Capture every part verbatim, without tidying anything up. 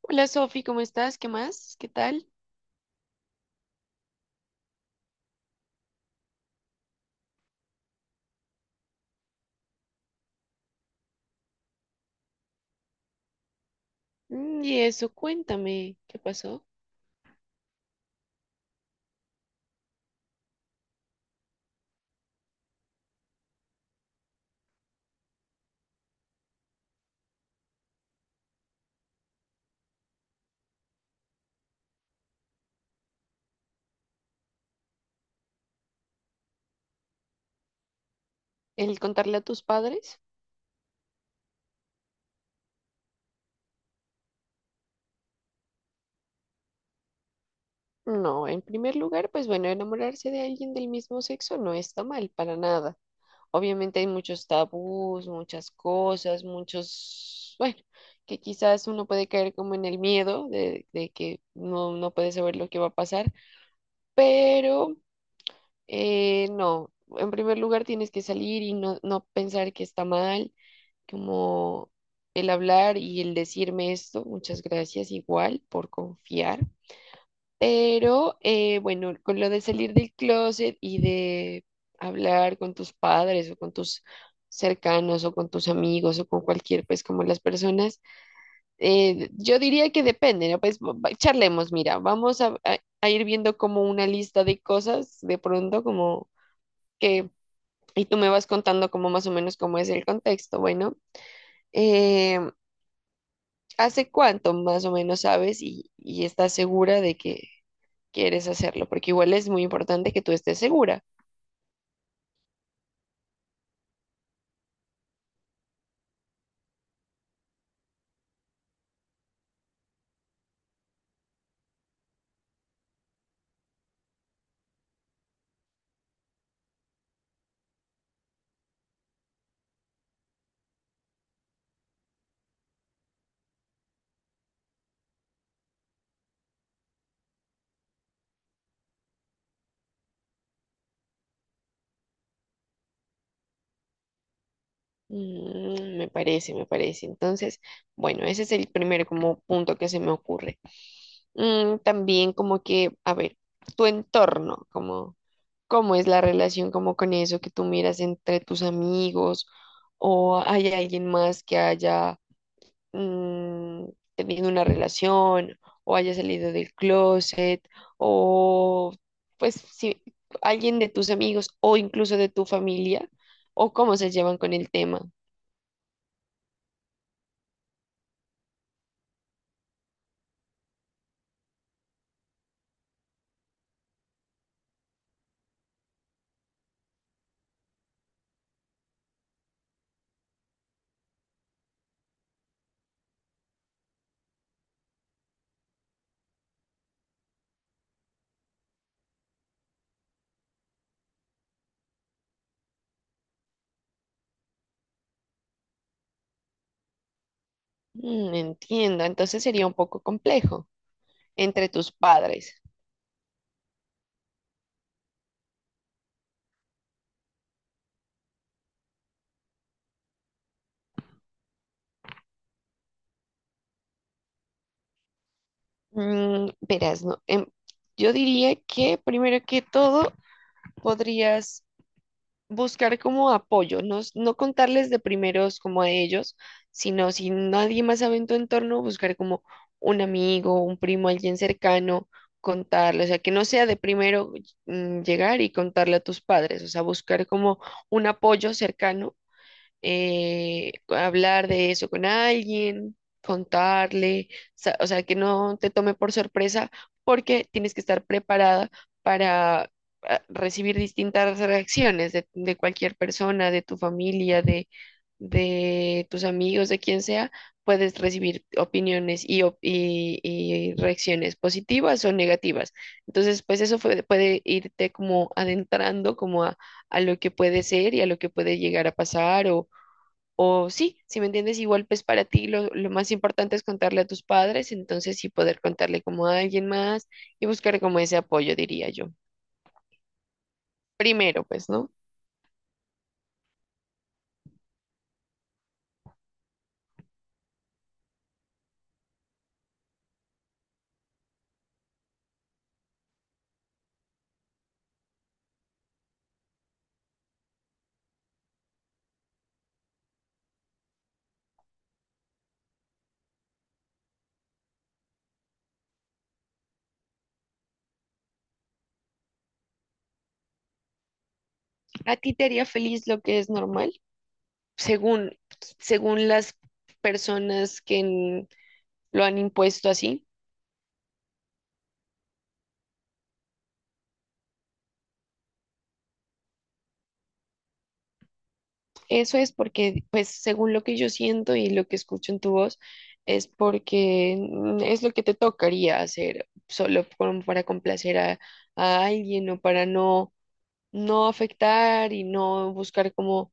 Hola Sofi, ¿cómo estás? ¿Qué más? ¿Qué tal? Mm, y eso, cuéntame, ¿qué pasó? ¿El contarle a tus padres? No, en primer lugar, pues bueno, enamorarse de alguien del mismo sexo no está mal para nada. Obviamente hay muchos tabús, muchas cosas, muchos, bueno, que quizás uno puede caer como en el miedo de, de que no, no puede saber lo que va a pasar, pero Eh, no, en primer lugar tienes que salir y no, no pensar que está mal, como el hablar y el decirme esto, muchas gracias igual por confiar. Pero eh, bueno, con lo de salir del closet y de hablar con tus padres o con tus cercanos o con tus amigos o con cualquier, pues como las personas, eh, yo diría que depende, ¿no? Pues va- va- charlemos, mira, vamos a, a- a ir viendo como una lista de cosas de pronto, como... que y tú me vas contando como más o menos cómo es el contexto. Bueno, eh, ¿hace cuánto más o menos sabes y, y estás segura de que quieres hacerlo? Porque igual es muy importante que tú estés segura. Mm, me parece, me parece. Entonces, bueno, ese es el primer como punto que se me ocurre. Mm, también como que, a ver, tu entorno, como cómo es la relación como con eso que tú miras entre tus amigos o hay alguien más que haya mm, tenido una relación o haya salido del closet o pues si alguien de tus amigos o incluso de tu familia o cómo se llevan con el tema. Mm, entiendo, entonces sería un poco complejo entre tus padres. Mm, verás, no, em, yo diría que primero que todo podrías buscar como apoyo, no, s- no contarles de primeros como a ellos, sino si nadie más sabe en tu entorno, buscar como un amigo, un primo, alguien cercano, contarle, o sea, que no sea de primero mm, llegar y contarle a tus padres, o sea, buscar como un apoyo cercano eh, hablar de eso con alguien, contarle, sa- o sea, que no te tome por sorpresa porque tienes que estar preparada para ah, recibir distintas reacciones de, de cualquier persona, de tu familia, de, de tus amigos, de quien sea. Puedes recibir opiniones y, op- y, y reacciones positivas o negativas. Entonces, pues eso fue- puede irte como adentrando como a, a lo que puede ser y a lo que puede llegar a pasar o sí, si me entiendes, igual pues para ti lo, lo más importante es contarle a tus padres, entonces sí poder contarle como a alguien más y buscar como ese apoyo, diría yo. Primero, pues, ¿no? ¿A ti te haría feliz lo que es normal? Según, según las personas que en- lo han impuesto así. Eso es porque, pues, según lo que yo siento y lo que escucho en tu voz, es porque mm, es lo que te tocaría hacer, solo como para complacer a, a alguien o para no no afectar y no buscar como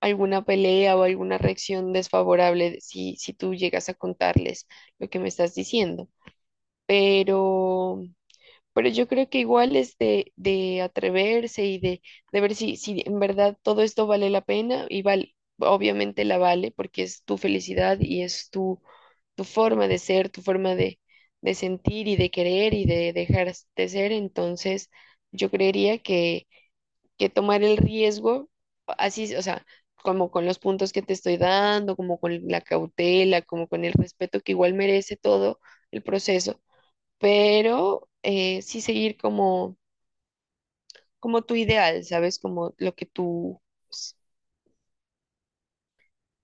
alguna pelea o alguna reacción desfavorable si, si tú llegas a contarles lo que me estás diciendo. Pero, pero yo creo que igual es de, de atreverse y de, de ver si, si en verdad todo esto vale la pena y vale, obviamente la vale porque es tu felicidad y es tu, tu forma de ser, tu forma de, de sentir y de querer y de dejar de ser. Entonces, yo creería que tomar el riesgo, así, o sea, como con los puntos que te estoy dando, como con la cautela, como con el respeto que igual merece todo el proceso, pero eh, sí seguir como, como tu ideal, ¿sabes? Como lo que tú, s-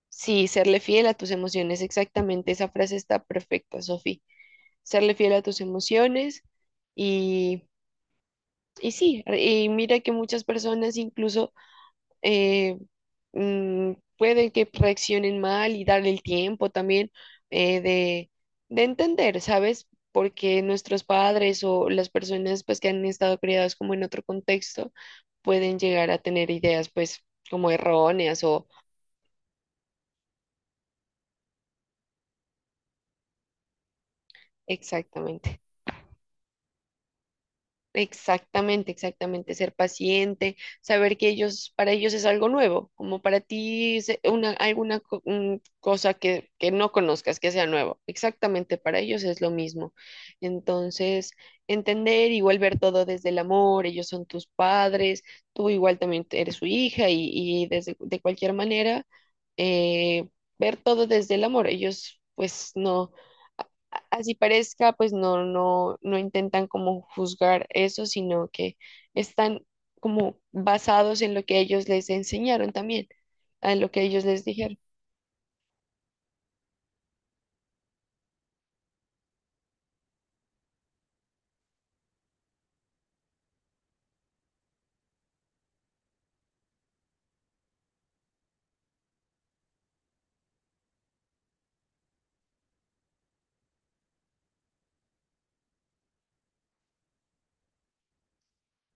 sí, serle fiel a tus emociones, exactamente, esa frase está perfecta, Sofi, serle fiel a tus emociones y, y sí, y mira que muchas personas incluso eh, mm, pueden que reaccionen mal y darle el tiempo también eh, de, de entender, ¿sabes? Porque nuestros padres o las personas pues que han estado criadas como en otro contexto pueden llegar a tener ideas pues como erróneas o exactamente. Exactamente, exactamente, ser paciente, saber que ellos, para ellos es algo nuevo, como para ti es una, alguna co- un cosa que, que no conozcas, que sea nuevo, exactamente, para ellos es lo mismo. Entonces, entender, igual ver todo desde el amor, ellos son tus padres, tú igual también eres su hija y, y desde, de cualquier manera, eh, ver todo desde el amor, ellos pues no así parezca, pues no, no, no intentan como juzgar eso, sino que están como basados en lo que ellos les enseñaron también, en lo que ellos les dijeron.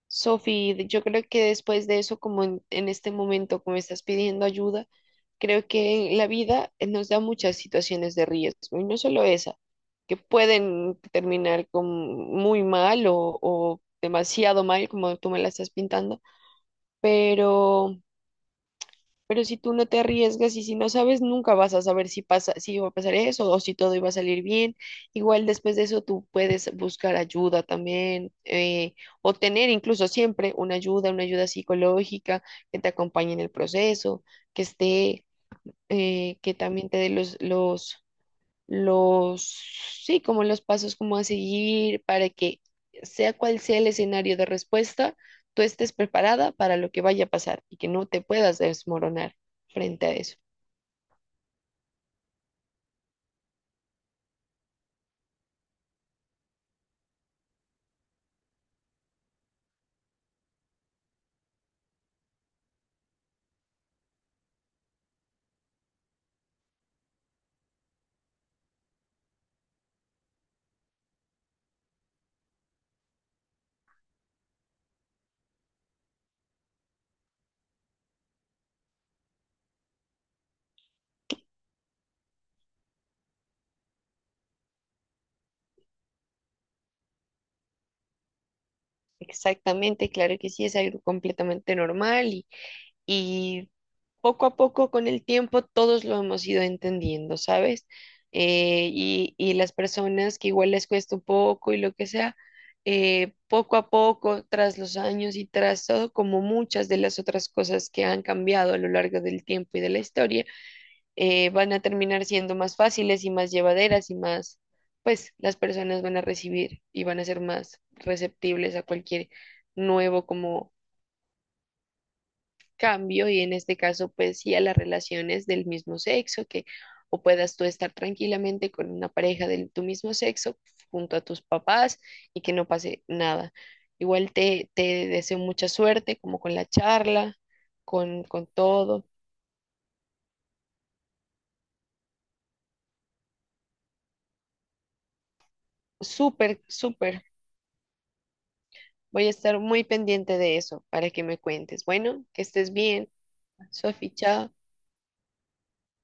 Sophie, yo creo que después de eso, como en, en este momento, como estás pidiendo ayuda, creo que la vida nos da muchas situaciones de riesgo, y no solo esa, que pueden terminar con muy mal o o demasiado mal, como tú me la estás pintando, pero Pero si tú no te arriesgas y si no sabes, nunca vas a saber si pasa, si va a pasar eso o si todo iba a salir bien. Igual después de eso tú puedes buscar ayuda también eh, o tener incluso siempre una ayuda, una ayuda psicológica que te acompañe en el proceso, que esté, eh, que también te dé los, los, los, sí, como los pasos como a seguir para que sea cual sea el escenario de respuesta, tú estés preparada para lo que vaya a pasar y que no te puedas desmoronar frente a eso. Exactamente, claro que sí, es algo completamente normal y poco a poco con el tiempo todos lo hemos ido entendiendo, ¿sabes? Eh, y, y las personas que igual les cuesta un poco y lo que sea, eh, poco a poco, tras los años y tras todo, como muchas de las otras cosas que han cambiado a lo largo del tiempo y de la historia, eh, van a terminar siendo más fáciles y más llevaderas y más, pues las personas van a recibir y van a ser más receptibles a cualquier nuevo como cambio y en este caso pues sí a las relaciones del mismo sexo, que o puedas tú estar tranquilamente con una pareja de tu mismo sexo junto a tus papás y que no pase nada. Igual te, te deseo mucha suerte como con la charla, con, con todo. Súper, súper. Voy a estar muy pendiente de eso para que me cuentes. Bueno, que estés bien. Sofi, chao.